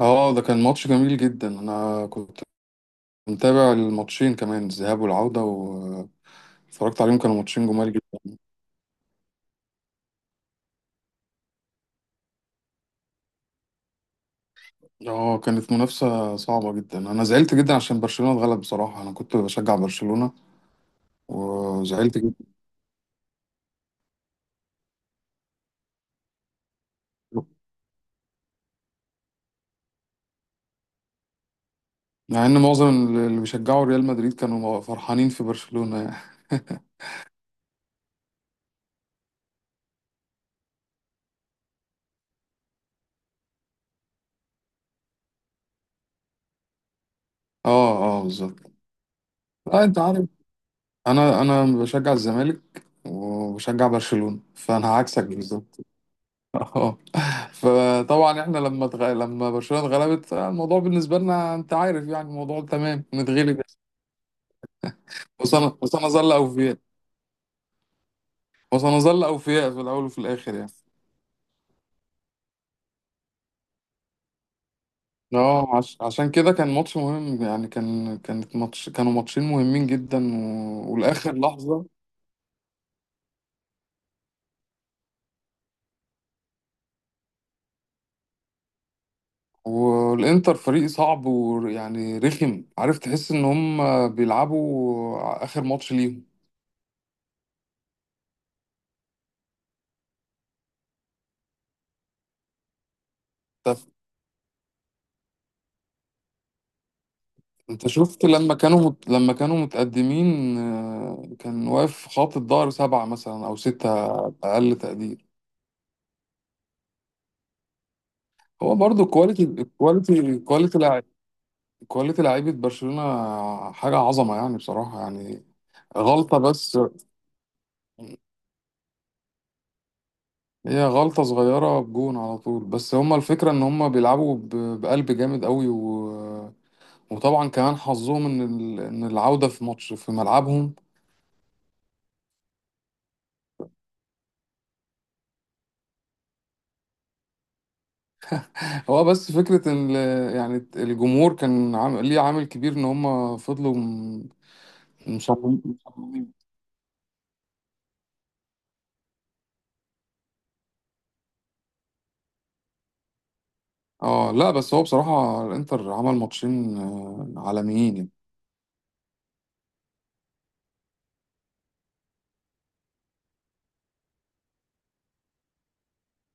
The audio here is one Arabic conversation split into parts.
اه، ده كان ماتش جميل جدا. انا كنت متابع الماتشين كمان، الذهاب والعودة، واتفرجت عليهم كانوا ماتشين جمال جدا. اه، كانت منافسة صعبة جدا. انا زعلت جدا عشان برشلونة اتغلب. بصراحة انا كنت بشجع برشلونة وزعلت جدا، مع ان معظم اللي بيشجعوا ريال مدريد كانوا فرحانين في برشلونة يعني. اه، اه، بالظبط. لا، انت عارف انا بشجع الزمالك وبشجع برشلونة، فانا عكسك بالظبط. اه. فطبعا احنا لما برشلونة اتغلبت، الموضوع بالنسبة لنا انت عارف يعني الموضوع تمام نتغلب وسنظل اوفياء، وسنظل اوفياء في الاول وفي الاخر يعني. اه، عشان كده كان ماتش مهم يعني، كانت كانوا ماتشين مهمين جدا والاخر لحظة. والانتر فريق صعب، ويعني رخم، عارف، تحس ان هم بيلعبوا اخر ماتش ليهم. انت شفت لما كانوا متقدمين، كان واقف خط الظهر سبعة مثلا او ستة، اقل تقدير. هو برضو كواليتي، كواليتي، كواليتي لعيبة برشلونة حاجة عظمة يعني، بصراحة يعني. غلطة بس، هي غلطة صغيرة بجون على طول، بس هما الفكرة ان هما بقلب جامد قوي، وطبعا كمان حظهم ان ان العودة في ماتش في ملعبهم. هو بس فكرة ان يعني الجمهور كان عامل ليه، عامل كبير ان هم مصممين، مصممين. اه، لا بس هو بصراحة الانتر عمل ماتشين، عالميين يعني.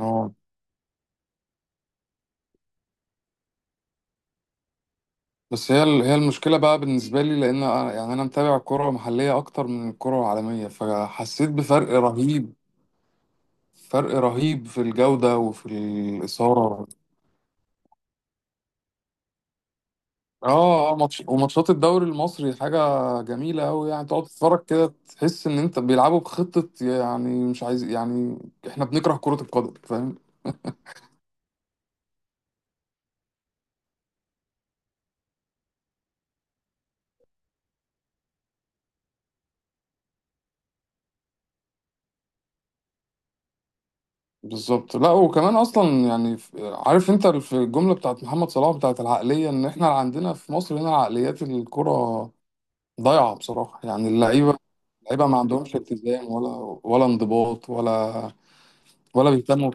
اه، بس هي المشكلة بقى بالنسبة لي، لان يعني انا متابع الكرة المحلية اكتر من الكرة العالمية، فحسيت بفرق رهيب، فرق رهيب في الجودة وفي الإثارة. اه، اه، ماتش وماتشات الدوري المصري حاجة جميلة أوي يعني، تقعد تتفرج كده تحس إن أنت بيلعبوا بخطة، يعني مش عايز يعني، إحنا بنكره كرة القدم، فاهم. بالظبط. لا وكمان أصلا يعني عارف أنت في الجملة بتاعت محمد صلاح، بتاعت العقلية إن إحنا عندنا في مصر هنا عقليات الكرة ضايعة بصراحة يعني. اللعيبة، اللعيبة ما عندهمش التزام ولا ولا انضباط ولا ولا بيهتموا.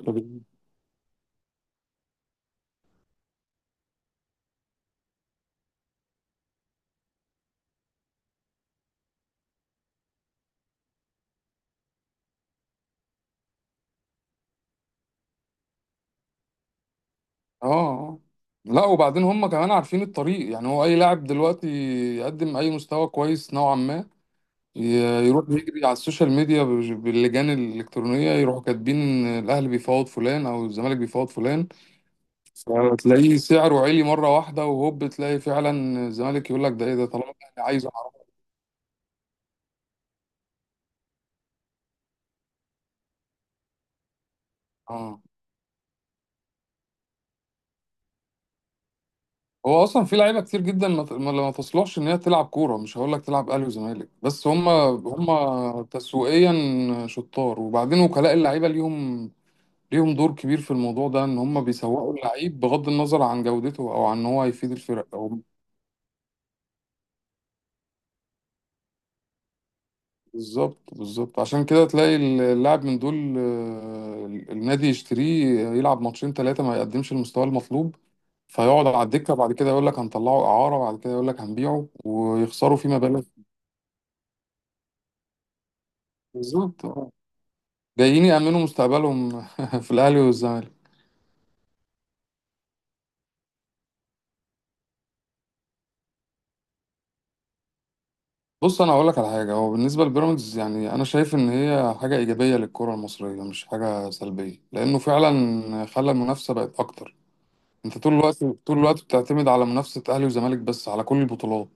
اه، آه. لا وبعدين هم كمان عارفين الطريق، يعني هو اي لاعب دلوقتي يقدم اي مستوى كويس نوعا ما، يروح يجري على السوشيال ميديا باللجان الالكترونيه، يروحوا كاتبين إن الاهلي بيفاوض فلان او الزمالك بيفاوض فلان، فتلاقيه سعره عالي مره واحده، وهوب تلاقي فعلا الزمالك يقول لك ده ايه ده طالما الاهلي عايزه أعرفه. اه. هو اصلا في لعيبه كتير جدا ما ت- ما- ما تصلحش ان هي تلعب كوره، مش هقول لك تلعب اهلي وزمالك، بس هم، هم تسويقيا شطار. وبعدين وكلاء اللعيبه ليهم، ليهم دور كبير في الموضوع ده، ان هم بيسوقوا اللعيب بغض النظر عن جودته او عن ان هو هيفيد الفرق او. بالظبط، بالظبط. عشان كده تلاقي اللاعب من دول، النادي يشتريه يلعب ماتشين ثلاثة ما يقدمش المستوى المطلوب، فيقعد على الدكة بعد كده يقول لك هنطلعه إعارة، بعد كده يقول لك هنبيعه ويخسروا فيه مبالغ. بالظبط، آه. جايين يأمنوا مستقبلهم في الأهلي والزمالك. بص انا هقول لك على حاجه، هو بالنسبه لبيراميدز يعني انا شايف ان هي حاجه ايجابيه للكره المصريه، مش حاجه سلبيه، لانه فعلا خلى المنافسه بقت اكتر. انت طول الوقت، طول الوقت بتعتمد على منافسه اهلي وزمالك بس على كل البطولات.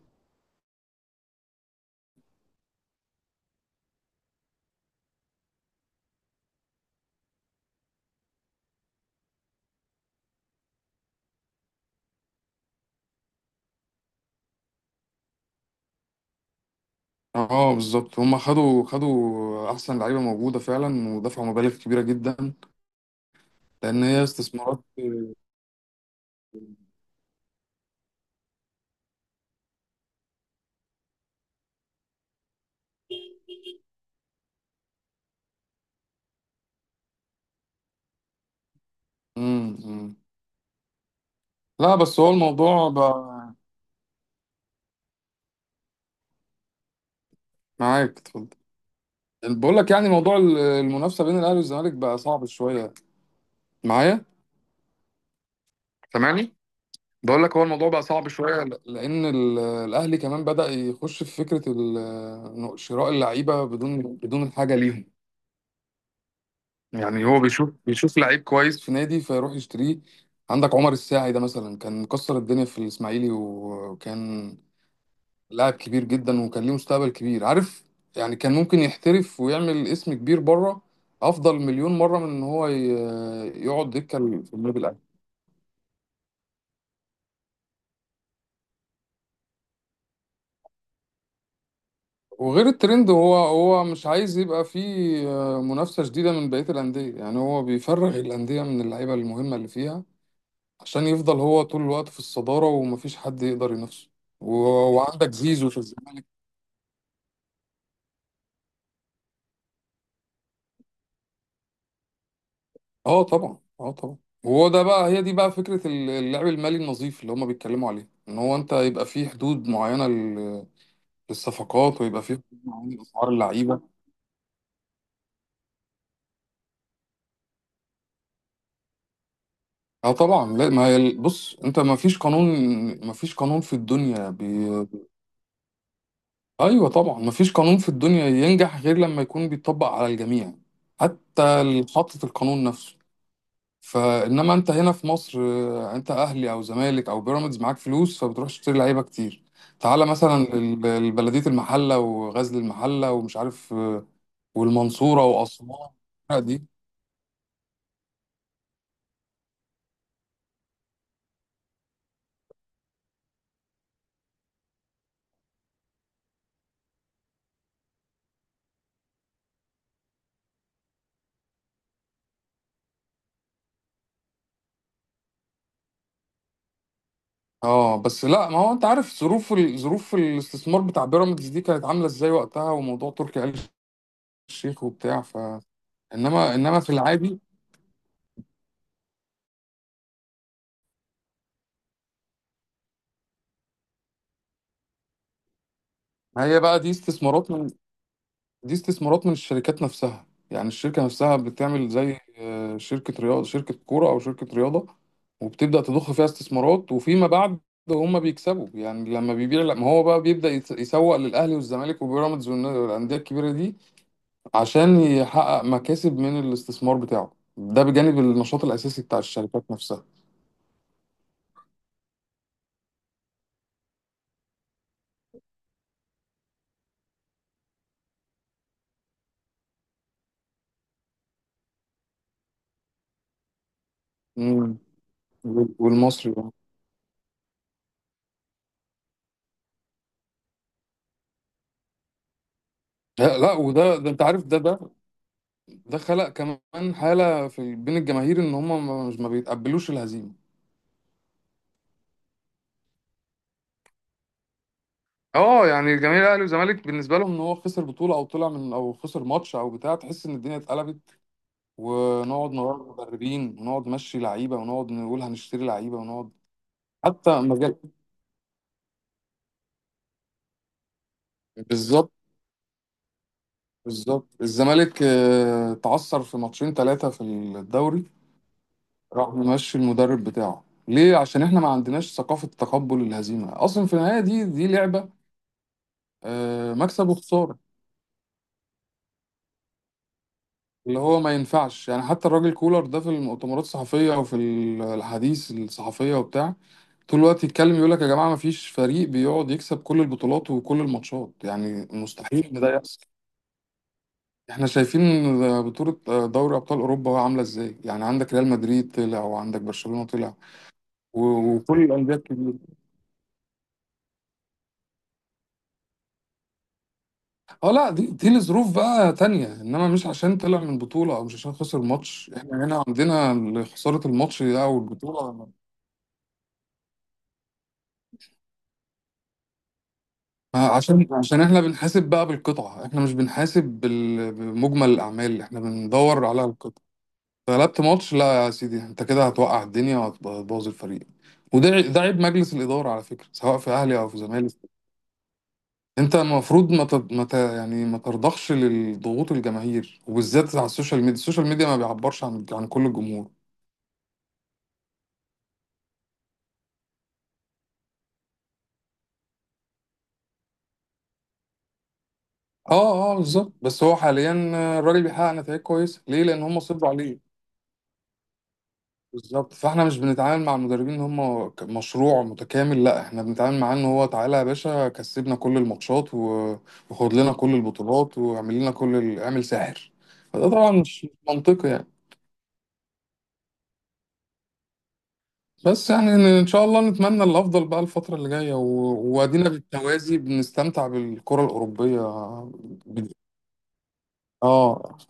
اه، بالظبط، هما خدوا، خدوا احسن لعيبه موجوده فعلا ودفعوا مبالغ كبيره جدا، لان هي استثمارات. مم، مم. لا بس هو الموضوع بقى. معاك، اتفضل. بقول لك يعني موضوع المنافسه بين الاهلي والزمالك بقى صعب شويه معايا، سامعني؟ بقول لك هو الموضوع بقى صعب شويه لان الاهلي كمان بدأ يخش في فكره إنه شراء اللعيبه، بدون الحاجه ليهم. يعني هو بيشوف، بيشوف لعيب كويس في نادي فيروح يشتريه. عندك عمر الساعي ده مثلا، كان مكسر الدنيا في الاسماعيلي، وكان لاعب كبير جدا، وكان ليه مستقبل كبير عارف، يعني كان ممكن يحترف ويعمل اسم كبير بره، افضل مليون مره من ان هو يقعد دكه في النادي الاهلي. وغير الترند، هو هو مش عايز يبقى فيه، منافسة شديدة من بقية الأندية، يعني هو بيفرغ الأندية من اللعيبة المهمة اللي فيها، عشان يفضل هو طول الوقت في الصدارة ومفيش حد يقدر ينافسه. وعندك زيزو في الزمالك. اه طبعا، اه طبعا. وهو ده بقى، هي دي بقى فكرة اللعب المالي النظيف اللي هما بيتكلموا عليه، ان هو انت يبقى فيه حدود معينة للصفقات، ويبقى فيه حدود معينة لأسعار اللعيبة. اه طبعا. لا ما بص انت ما فيش قانون، ما فيش قانون في الدنيا. ايوه طبعا، مفيش قانون في الدنيا ينجح غير لما يكون بيطبق على الجميع، حتى اللي حاطط القانون نفسه. فانما انت هنا في مصر، انت اهلي او زمالك او بيراميدز معاك فلوس، فبتروح تشتري لعيبه كتير. تعالى مثلا البلديه المحله وغزل المحله ومش عارف، والمنصوره واسوان، الفرق دي. اه بس لا ما هو انت عارف ظروف ظروف الاستثمار بتاع بيراميدز دي كانت عامله ازاي وقتها، وموضوع تركي آل الشيخ وبتاع ف. انما، انما في العادي، ما هي بقى دي استثمارات من، دي استثمارات من الشركات نفسها، يعني الشركة نفسها بتعمل زي، شركة رياضة، شركة كورة أو شركة رياضة، وبتبدأ تضخ فيها استثمارات. وفيما بعد هم بيكسبوا يعني، لما بيبيع، لما هو بقى بيبدأ يسوق للأهلي والزمالك وبيراميدز والأندية الكبيرة دي، عشان يحقق مكاسب من الاستثمار بتاعه ده بجانب النشاط الأساسي بتاع الشركات نفسها. مم. والمصري بقى. لا لا، وده ده انت عارف ده ده، ده خلق كمان حالة في بين الجماهير ان هم ما- مش ما بيتقبلوش الهزيمة. اه، يعني جماهير الاهلي والزمالك بالنسبه لهم ان هو خسر بطولة او طلع من، او خسر ماتش او بتاع، تحس ان الدنيا اتقلبت، ونقعد نغير مدربين، ونقعد نمشي لعيبة، ونقعد نقول هنشتري لعيبة ونقعد. حتى مجال. بالظبط، بالظبط. الزمالك، تعثر في ماتشين ثلاثة في الدوري، راح ممشي المدرب بتاعه ليه، عشان احنا ما عندناش ثقافة تقبل الهزيمة اصلا. في النهاية دي دي لعبة، مكسب وخسارة. اللي هو ما ينفعش يعني، حتى الراجل كولر ده في المؤتمرات الصحفية وفي الحديث الصحفية وبتاع، طول الوقت يتكلم يقول لك يا جماعة ما فيش فريق بيقعد يكسب كل البطولات وكل الماتشات، يعني مستحيل ان ده يحصل. احنا شايفين بطولة دوري أبطال أوروبا عاملة ازاي يعني، عندك ريال مدريد طلع، وعندك برشلونة طلع وكل الأندية الكبيرة. اه لا، دي دي لظروف بقى تانية، انما مش عشان طلع من بطولة او مش عشان خسر ماتش. احنا هنا عندنا خسارة الماتش ده او البطولة، ما عشان، عشان احنا بنحاسب بقى بالقطعة، احنا مش بنحاسب بمجمل الأعمال، احنا بندور على القطعة. غلبت ماتش، لا يا سيدي، انت كده هتوقع الدنيا وهتبوظ الفريق. ده عيب مجلس الإدارة على فكرة، سواء في أهلي أو في زمالك. انت المفروض ما ت... ما ت... يعني ما ترضخش للضغوط الجماهير، وبالذات على السوشيال ميديا. السوشيال ميديا ما بيعبرش عن، عن كل الجمهور. اه، اه، بالظبط. بس هو حاليا الراجل بيحقق نتائج كويسة، ليه؟ لأن هم صبروا عليه. بالظبط. فاحنا مش بنتعامل مع المدربين ان هم مشروع متكامل، لا احنا بنتعامل معاه ان هو تعالى يا باشا كسبنا كل الماتشات وخد لنا كل البطولات واعمل لنا كل ال... اعمل ساحر. فده طبعا مش منطقي يعني. بس يعني ان إن شاء الله نتمنى الافضل بقى الفتره اللي جايه، وادينا بالتوازي بنستمتع بالكره الاوروبيه. اه.